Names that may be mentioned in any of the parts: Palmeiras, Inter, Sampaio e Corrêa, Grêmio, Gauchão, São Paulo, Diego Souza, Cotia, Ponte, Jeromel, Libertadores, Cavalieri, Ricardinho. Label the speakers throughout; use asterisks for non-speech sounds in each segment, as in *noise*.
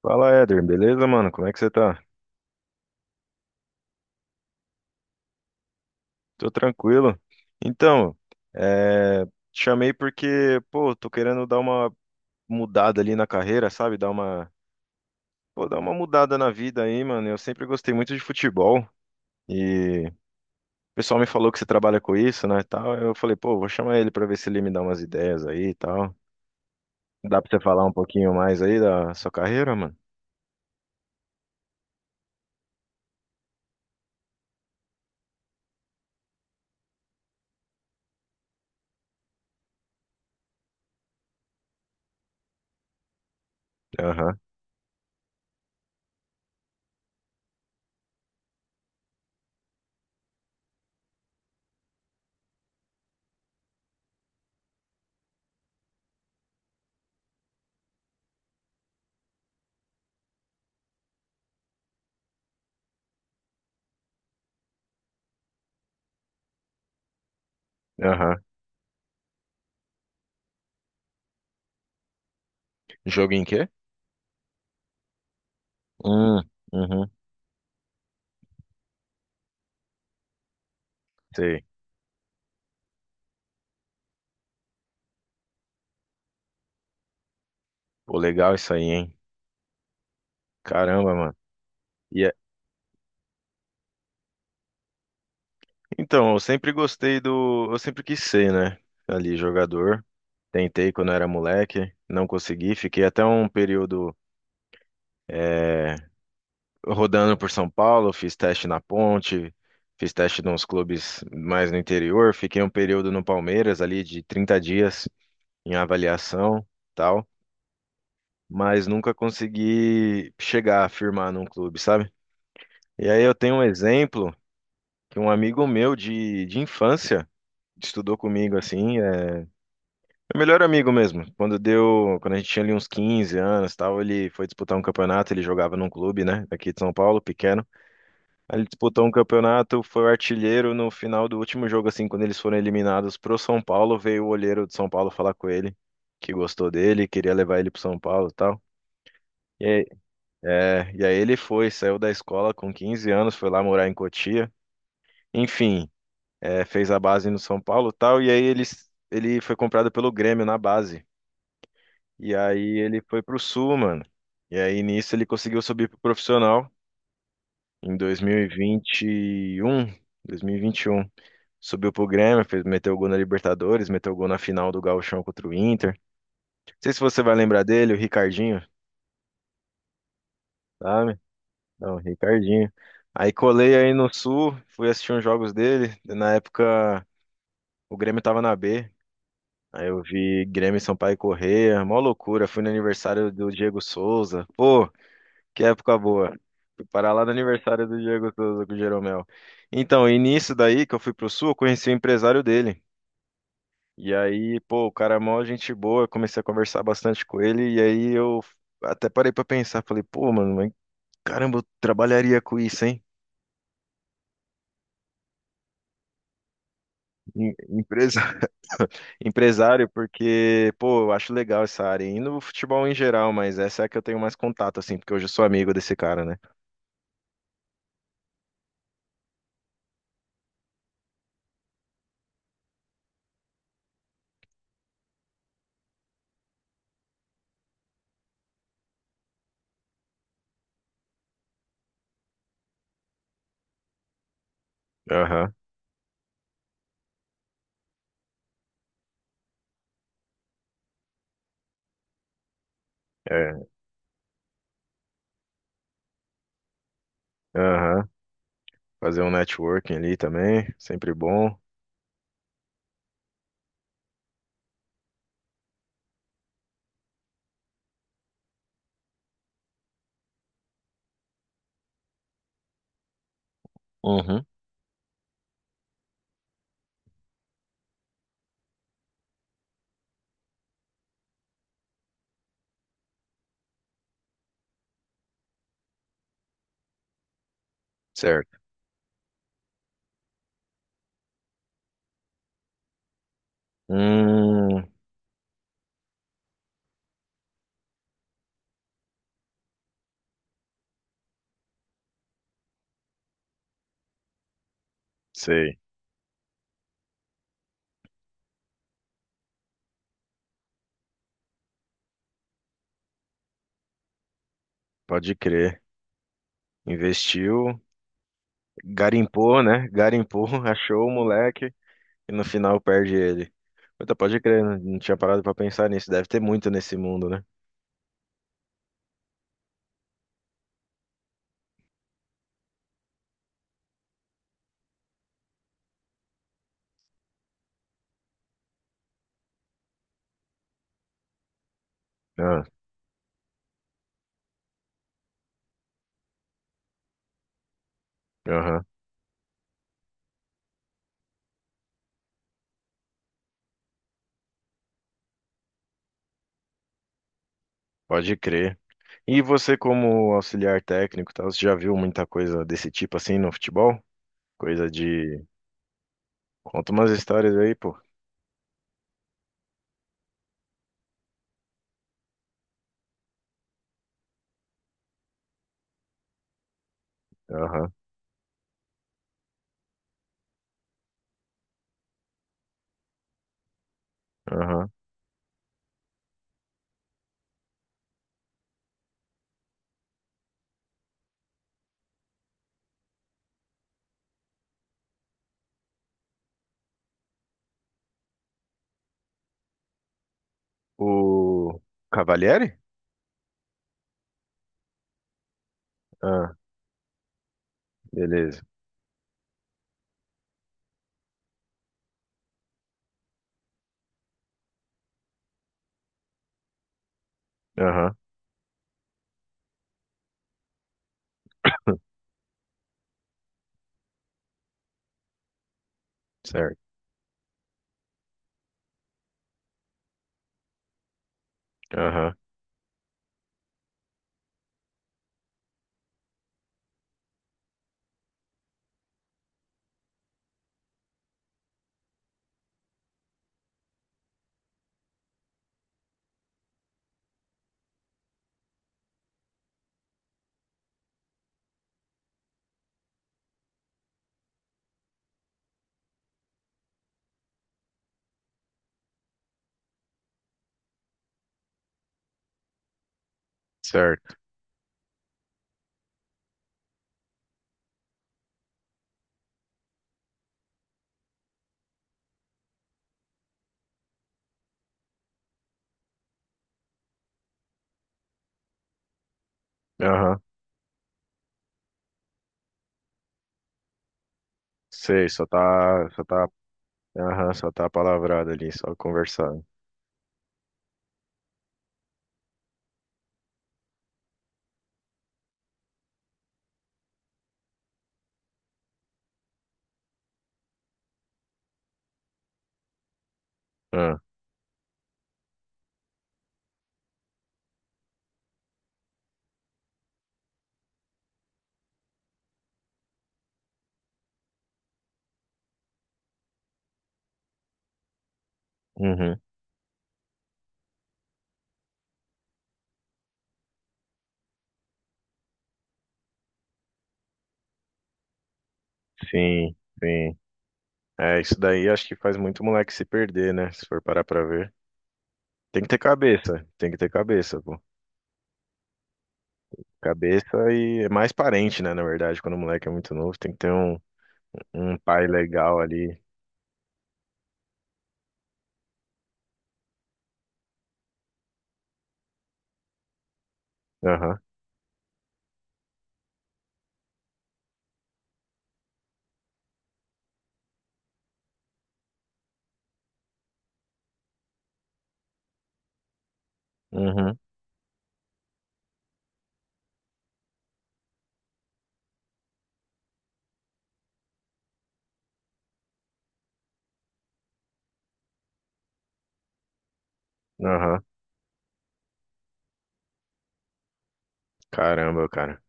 Speaker 1: Fala, Éder, beleza, mano? Como é que você tá? Tô tranquilo. Então, é, te chamei porque, pô, tô querendo dar uma mudada ali na carreira, sabe? Dar uma, pô, dar uma mudada na vida aí, mano. Eu sempre gostei muito de futebol e o pessoal me falou que você trabalha com isso, né, e tal. Eu falei, pô, vou chamar ele pra ver se ele me dá umas ideias aí e tal. Dá pra você falar um pouquinho mais aí da sua carreira, mano? Aham, aham. Jogo em quê? Hum, uhum, sei. Pô, legal isso aí, hein? Caramba, mano. E Então, eu sempre gostei do. Eu sempre quis ser, né? Ali, jogador. Tentei quando era moleque, não consegui. Fiquei até um período eh, rodando por São Paulo, fiz teste na Ponte, fiz teste nos clubes mais no interior. Fiquei um período no Palmeiras, ali de 30 dias em avaliação, tal. Mas nunca consegui chegar a firmar num clube, sabe? E aí eu tenho um exemplo que um amigo meu de infância estudou comigo, assim. Meu melhor amigo mesmo. Quando deu, quando a gente tinha ali uns 15 anos, e tal, ele foi disputar um campeonato, ele jogava num clube, né, daqui de São Paulo, pequeno. Aí ele disputou um campeonato, foi o artilheiro no final do último jogo assim, quando eles foram eliminados pro São Paulo, veio o olheiro de São Paulo falar com ele, que gostou dele, queria levar ele pro São Paulo, e tal. E aí, e aí ele foi, saiu da escola com 15 anos, foi lá morar em Cotia. Enfim, é, fez a base no São Paulo, e tal, e aí ele foi comprado pelo Grêmio na base. E aí ele foi pro Sul, mano. E aí nisso ele conseguiu subir pro profissional em 2021. 2021. Subiu pro Grêmio, fez, meteu gol na Libertadores, meteu gol na final do Gauchão contra o Inter. Não sei se você vai lembrar dele, o Ricardinho, sabe? Não, Ricardinho. Aí colei aí no Sul, fui assistir uns jogos dele. Na época o Grêmio tava na B. Aí eu vi Grêmio, Sampaio e Corrêa, mó loucura. Fui no aniversário do Diego Souza. Pô, que época boa. Fui parar lá no aniversário do Diego Souza com o Jeromel. Então, e nisso daí que eu fui pro Sul, eu conheci o empresário dele. E aí, pô, o cara é mó gente boa, eu comecei a conversar bastante com ele. E aí eu até parei pra pensar, falei, pô, mano, mas caramba, eu trabalharia com isso, hein? Empresa, *laughs* empresário, porque, pô, eu acho legal essa área. E no futebol em geral, mas essa é a que eu tenho mais contato, assim, porque hoje eu sou amigo desse cara, né? Aham, é, aham. Fazer um networking ali também, sempre bom. Uhum. Certo? Hum, sei. Pode crer. Investiu, garimpou, né? Garimpou, *laughs* achou o moleque e no final perde ele. Puta, pode crer, não tinha parado pra pensar nisso. Deve ter muito nesse mundo, né? Ah, aham. Pode crer. E você, como auxiliar técnico, e tal, você já viu muita coisa desse tipo assim no futebol? Coisa de. Conta umas histórias aí, pô. Aham, aham. O Cavalieri? Ah, beleza. Aham, *laughs* certo. Aham. Certo. Aham. Sei, aham, só tá palavrado ali, só conversado. Ah, uhum. Sim, sim. É, isso daí acho que faz muito moleque se perder, né? Se for parar pra ver. Tem que ter cabeça, tem que ter cabeça, pô. Cabeça e é mais parente, né? Na verdade, quando o moleque é muito novo, tem que ter um, um pai legal ali. Aham, uhum, aham. Caramba, cara.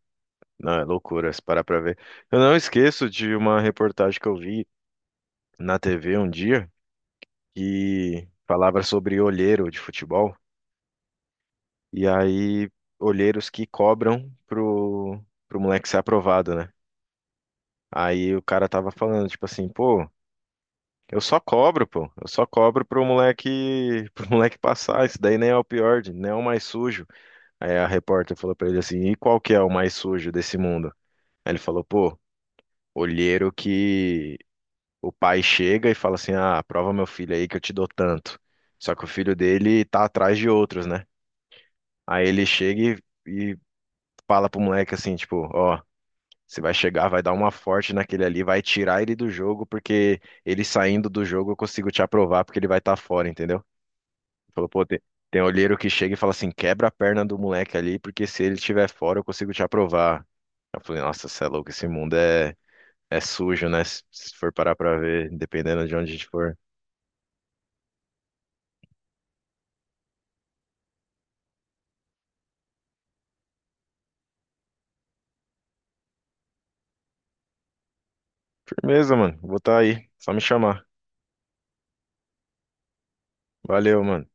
Speaker 1: Não, é loucura, se parar pra ver. Eu não esqueço de uma reportagem que eu vi na TV um dia. Que falava sobre olheiro de futebol, e aí olheiros que cobram pro, pro moleque ser aprovado, né? Aí o cara tava falando, tipo assim, pô, eu só cobro, pô, eu só cobro pro moleque, *laughs* pro moleque passar, isso daí nem é o pior, nem é o mais sujo. Aí a repórter falou pra ele assim, e qual que é o mais sujo desse mundo? Aí ele falou, pô, olheiro que o pai chega e fala assim, ah, aprova meu filho aí que eu te dou tanto. Só que o filho dele tá atrás de outros, né? Aí ele chega e fala pro moleque assim, tipo, ó, você vai chegar, vai dar uma forte naquele ali, vai tirar ele do jogo, porque ele saindo do jogo eu consigo te aprovar, porque ele vai estar fora, entendeu? Ele Falou, pô, tem olheiro que chega e fala assim, quebra a perna do moleque ali, porque se ele estiver fora eu consigo te aprovar. Eu falei, nossa, você é louco, esse mundo é, é sujo, né? Se for parar pra ver, dependendo de onde a gente for. Firmeza, mano, vou estar aí, só me chamar. Valeu, mano.